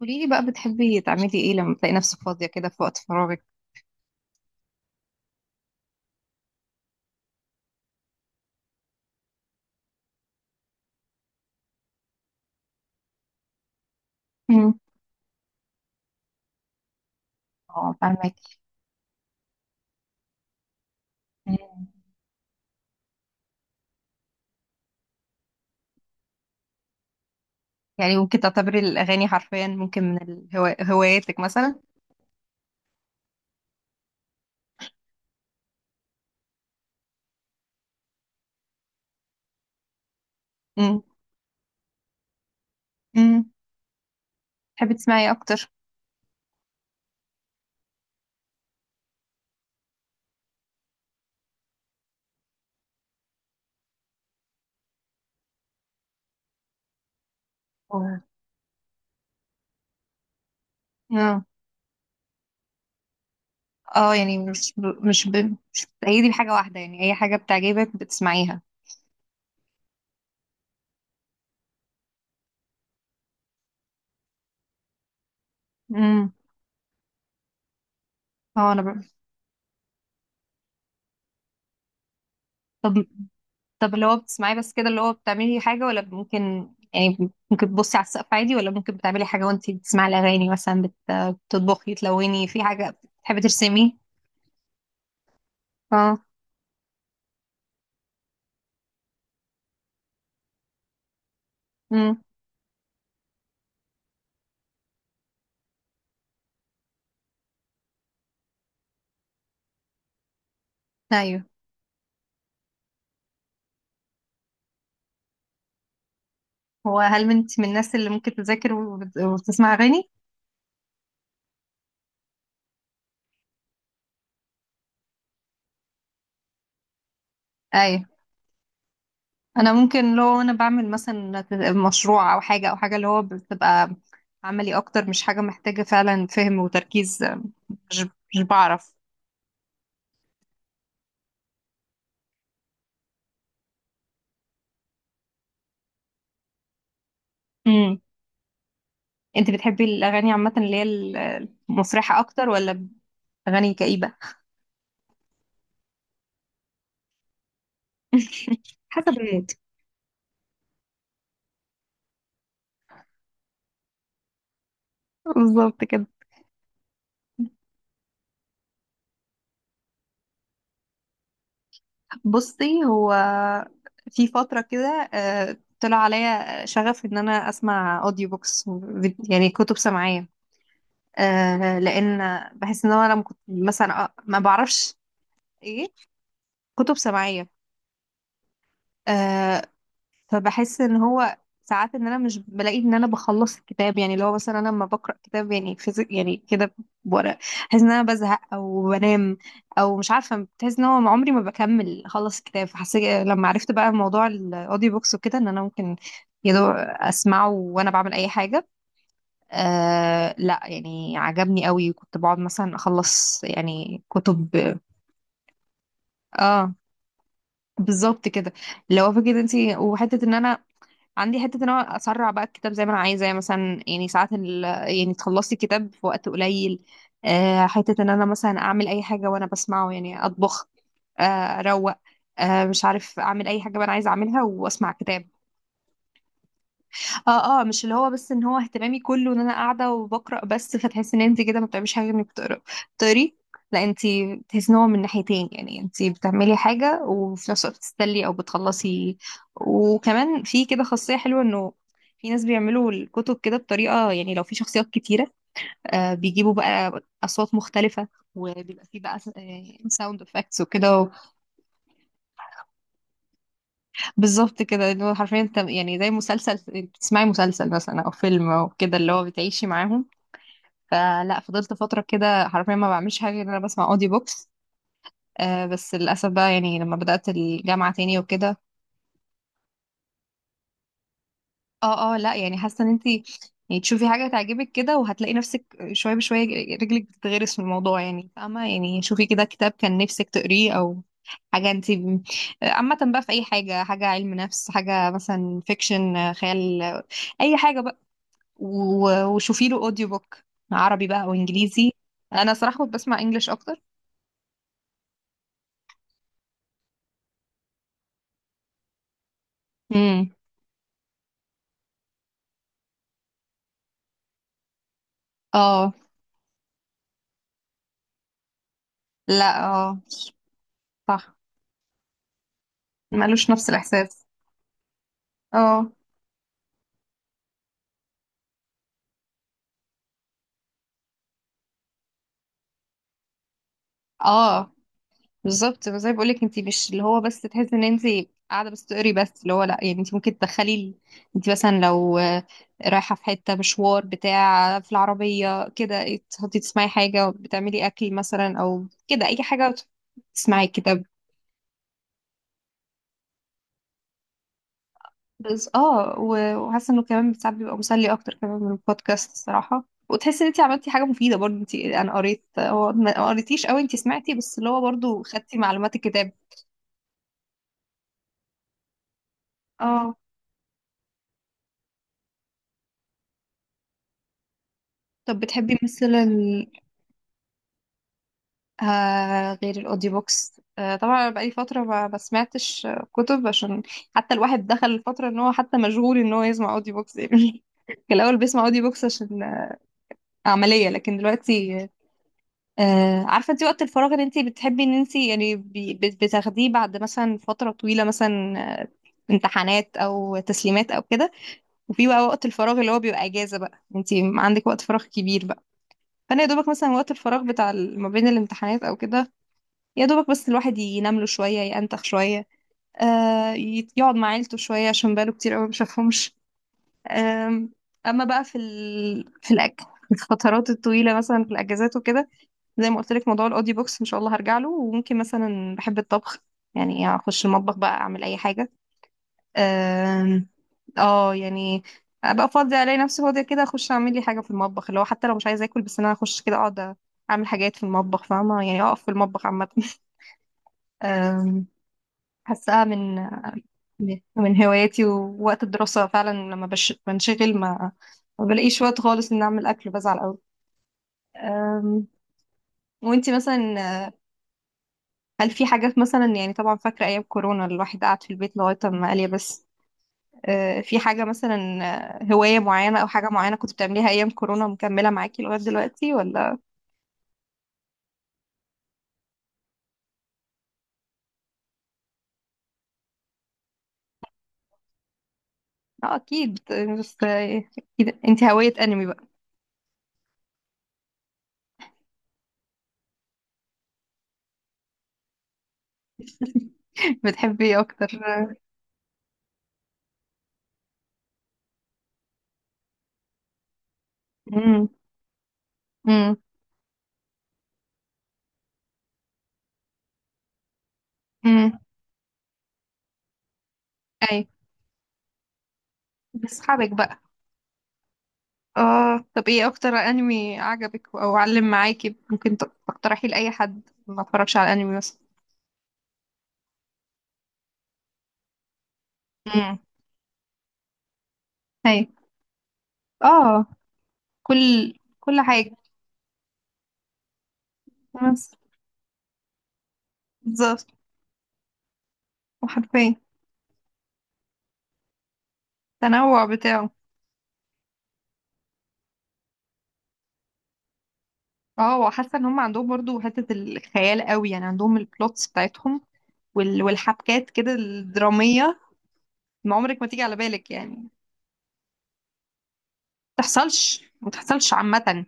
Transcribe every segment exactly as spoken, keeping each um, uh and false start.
قولي لي بقى بتحبي تعملي ايه لما تلاقي نفسك فاضية كده في وقت فراغك؟ امم. اه، فاهمك. مم. يعني ممكن تعتبري الأغاني حرفيا، ممكن من الهوا... هواياتك مثلا. امم. امم. تحبي تسمعي اكتر؟ أوه. اه، اه، يعني مش ب... مش ب... مش بتأيدي بحاجة واحدة، يعني أي حاجة بتعجبك بتسمعيها. امم. اه، أنا ب... طب طب اللي هو بتسمعيه بس كده، اللي هو بتعملي حاجة ولا ممكن؟ يعني ممكن تبصي على السقف عادي، ولا ممكن بتعملي حاجة وانتي بتسمعي الأغاني، مثلا بت... بتطبخي، تلوني في حاجة، بتحبي ترسمي. اه. امم. ايوه. هو هل انت من الناس اللي ممكن تذاكر وبت... وبتسمع أغاني؟ ايوه. انا ممكن لو انا بعمل مثلا مشروع او حاجة او حاجة اللي هو بتبقى عملي اكتر، مش حاجة محتاجة فعلا فهم وتركيز. مش مش بعرف. امم. انت بتحبي الأغاني عامة، اللي هي ال- المفرحة اكتر، ولا أغاني كئيبة؟ حسب المود. بالظبط كده. بصي، هو في فترة كده آه، طلع عليا شغف إن أنا أسمع أوديو بوكس، يعني كتب سمعية. آه، لأن بحس إن أنا لما كنت مثلا، آه، ما بعرفش إيه كتب سمعية. فبحس ان هو ساعات ان انا مش بلاقي ان انا بخلص الكتاب، يعني اللي هو مثلا انا لما بقرا كتاب يعني فيزيك يعني كده بورق، بحس ان انا بزهق او بنام، او مش عارفه، بحس ان هو عمري ما بكمل اخلص الكتاب. فحسيت لما عرفت بقى موضوع الاوديو بوكس وكده، ان انا ممكن يا دوب اسمعه وانا بعمل اي حاجه. آه، لا، يعني عجبني قوي، كنت بقعد مثلا اخلص يعني كتب. اه، بالظبط كده، لو فكرة، انت وحته ان انا عندي حته ان انا اسرع بقى الكتاب زي ما انا عايزه، يعني مثلا، يعني ساعات ال... يعني تخلصي الكتاب في وقت قليل. آه، حته ان انا مثلا اعمل اي حاجه وانا بسمعه، يعني اطبخ، آه، اروق، آه، مش عارف، اعمل اي حاجه بقى انا عايزه اعملها واسمع كتاب. اه، اه، مش اللي هو بس ان هو اهتمامي كله ان انا قاعده وبقرا بس، فتحس ان انت كده ما بتعمليش حاجه انك بتقرا بتقري، لا انت بتحس ان هو من ناحيتين، يعني انت بتعملي حاجه وفي نفس الوقت بتستلي او بتخلصي. وكمان في كده خاصيه حلوه، انه في ناس بيعملوا الكتب كده بطريقه، يعني لو في شخصيات كتيره، آه بيجيبوا بقى اصوات مختلفه، وبيبقى في بقى ساوند افكتس وكده. بالظبط كده، اللي هو حرفيا انت يعني زي مسلسل، بتسمعي مسلسل مثلا او فيلم او كده، اللي هو بتعيشي معاهم. فلا، فضلت فترة كده حرفيا ما بعملش حاجة غير إن انا بسمع اوديو بوكس. آه بس للأسف بقى، يعني لما بدأت الجامعة تاني وكده. اه، اه، لا، يعني حاسة ان انتي يعني تشوفي حاجة تعجبك كده، وهتلاقي نفسك شوية بشوية رجلك بتتغرس في الموضوع، يعني فاهمة، يعني شوفي كده كتاب كان نفسك تقريه او حاجة انتي ب-، عامة بقى في اي حاجة، حاجة علم نفس، حاجة مثلا فيكشن خيال، اي حاجة بقى، و- وشوفي له اوديو بوك، عربي بقى او انجليزي. انا صراحة كنت بسمع انجليش اكتر. امم. اه، لا. اه، صح. مالوش نفس الاحساس. اه، اه، بالظبط زي ما بقولك، انت مش اللي هو بس تحسي ان انت قاعده بس تقري، بس اللي هو لا، يعني انت ممكن تدخلي ال- انت مثلا لو آه، رايحه في حته مشوار بتاع في العربيه كده، تحطي تسمعي حاجه، بتعملي اكل مثلا او كده اي حاجه تسمعي كده. بس اه، و- وحاسه انه كمان ساعات بيبقى مسلي اكتر كمان من البودكاست الصراحه، وتحسي ان انت عملتي حاجه مفيده برضه، انت انا قريت، هو ما قريتيش قوي، انت سمعتي، بس اللي هو برضه خدتي معلومات الكتاب. اه، طب بتحبي مثلا آه غير الاوديو بوكس؟ آه طبعا أنا بقالي فتره ما ما سمعتش آه، كتب، عشان حتى الواحد دخل الفتره ان هو حتى مشغول ان هو يسمع اوديو بوكس يعني. كان الاول بيسمع اوديو بوكس عشان آه، عمليه، لكن دلوقتي آه عارفة انت وقت الفراغ اللي انت بتحبي ان انت يعني بي- بت- بتاخديه بعد مثلا فترة طويلة مثلا، آه، امتحانات او تسليمات او كده، وفي بقى وقت الفراغ اللي هو بيبقى اجازة بقى، انت عندك وقت فراغ كبير بقى. فانا يا دوبك مثلا وقت الفراغ بتاع ال- ما بين الامتحانات او كده، يا دوبك بس الواحد ينام له شوية، ينتخ شوية، آه يت- يقعد مع عيلته شوية، عشان بقاله كتير قوي ما شافهمش. آم، اما بقى في ال... في الاكل الفترات الطويلة مثلا في الاجازات وكده، زي ما قلت لك موضوع الاوديو بوكس ان شاء الله هرجع له، وممكن مثلا بحب الطبخ، يعني اخش المطبخ بقى اعمل اي حاجه. أم، اه، يعني ابقى فاضيه، الاقي نفسي فاضيه كده، اخش اعمل لي حاجه في المطبخ، اللي هو حتى لو مش عايزه اكل، بس انا اخش كده اقعد اعمل حاجات في المطبخ، فاهمه، يعني اقف في المطبخ عامه. أم، حاساها من من هواياتي. ووقت الدراسه فعلا لما بش... بنشغل، ما ما بلاقيش وقت خالص ان اعمل اكل، بزعل قوي. أم، وانتي مثلا هل في حاجات مثلا، يعني طبعا فاكرة أيام كورونا الواحد قعد في البيت لغاية ما قال يا بس، آه، في حاجة مثلا، آه، هواية معينة أو حاجة معينة كنت بتعمليها أيام كورونا مكملة معاكي لغاية دلوقتي، ولا؟ اه أكيد، يعني بس آه، أكيد، أنت هواية أنمي بقى. بتحبي إيه أكتر؟ امم. امم. امم. أي. بأصحابك بقى. اه، طب ايه أكتر أنمي عجبك أو علم معاكي، ممكن ت- تقترحي لأي حد ما اتفرجش على أنمي مثلا؟ امم. أي. اه، كل كل حاجة. بالظبط. وحرفيا التنوع بتاعه. اه، وحاسه ان هم عندهم برضو حته الخيال قوي، يعني عندهم البلوتس بتاعتهم وال... والحبكات كده الدراميه، ما عمرك ما تيجي على بالك، يعني ما بتحصلش ما بتحصلش عامه،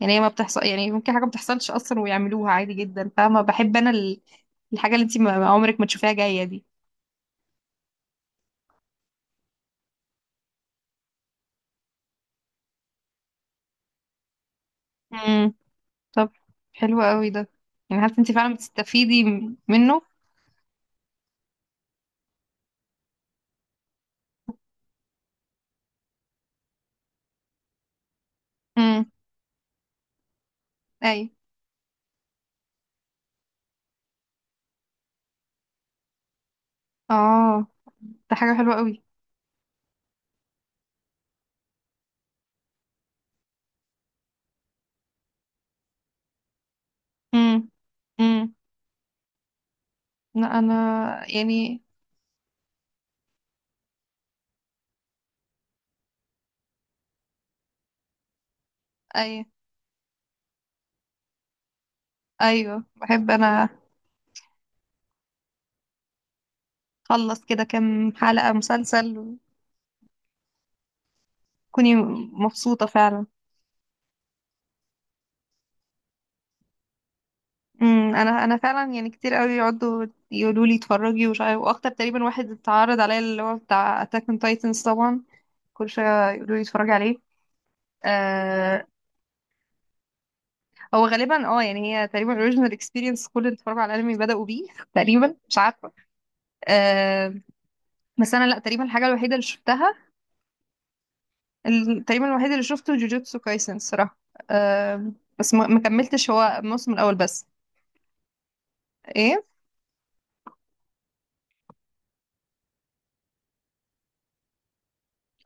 يعني هي ما بتحصل، يعني ممكن حاجه ما بتحصلش اصلا ويعملوها عادي جدا، فاهمه، بحب انا ال... الحاجه اللي انت ما ما عمرك ما تشوفيها جايه دي. امم. طب حلو قوي ده، يعني حاسه انت فعلا بتستفيدي م- منه. امم. اي. اه، ده حاجه حلوه قوي. امم. لا انا يعني. اي. ايوه، بحب انا اخلص كده كام حلقة مسلسل وكوني مبسوطة فعلا. امم. انا انا فعلا يعني كتير قوي يقعدوا يقولوا لي اتفرجي ومش عارف، واكتر تقريبا واحد اتعرض عليا اللي هو بتاع اتاك اون تايتنز، طبعا كل شوية يقولوا لي اتفرجي عليه. آه. هو غالبا اه، يعني هي تقريبا اوريجينال اكسبيرينس، كل اللي اتفرجوا على الانمي بدأوا بيه تقريبا، مش عارفة. آه، بس انا لا، تقريبا الحاجة الوحيدة اللي شفتها ال- تقريبا الوحيد اللي شفته جوجوتسو كايسن الصراحة. أم، بس ما ما كملتش، هو الموسم الأول بس. ايه.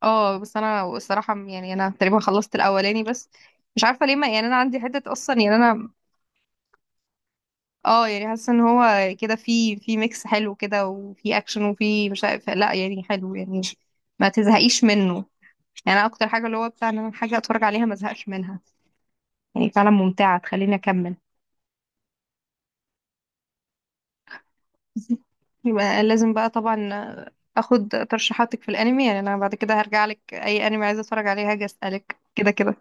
اه، بس انا الصراحة يعني انا تقريبا خلصت الأولاني بس، مش عارفة ليه، ما يعني انا عندي حتة اصلا، يعني انا. اه، يعني حاسة ان هو كده في في ميكس حلو كده، وفي اكشن، وفي مش عارف، لا يعني حلو، يعني ما تزهقيش منه، يعني أنا اكتر حاجة اللي هو بتاع ان انا حاجة اتفرج عليها ما ازهقش منها، يعني فعلا ممتعة تخليني اكمل. يبقى لازم بقى طبعا اخد ترشيحاتك في الانمي، يعني انا بعد كده هرجع لك اي انمي عايزه اتفرج عليه هاجي اسالك كده كده.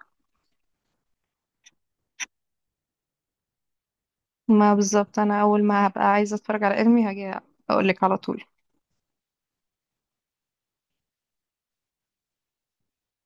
ما بالظبط انا اول ما هبقى عايزه اتفرج على انمي هاجي اقول لك على طول.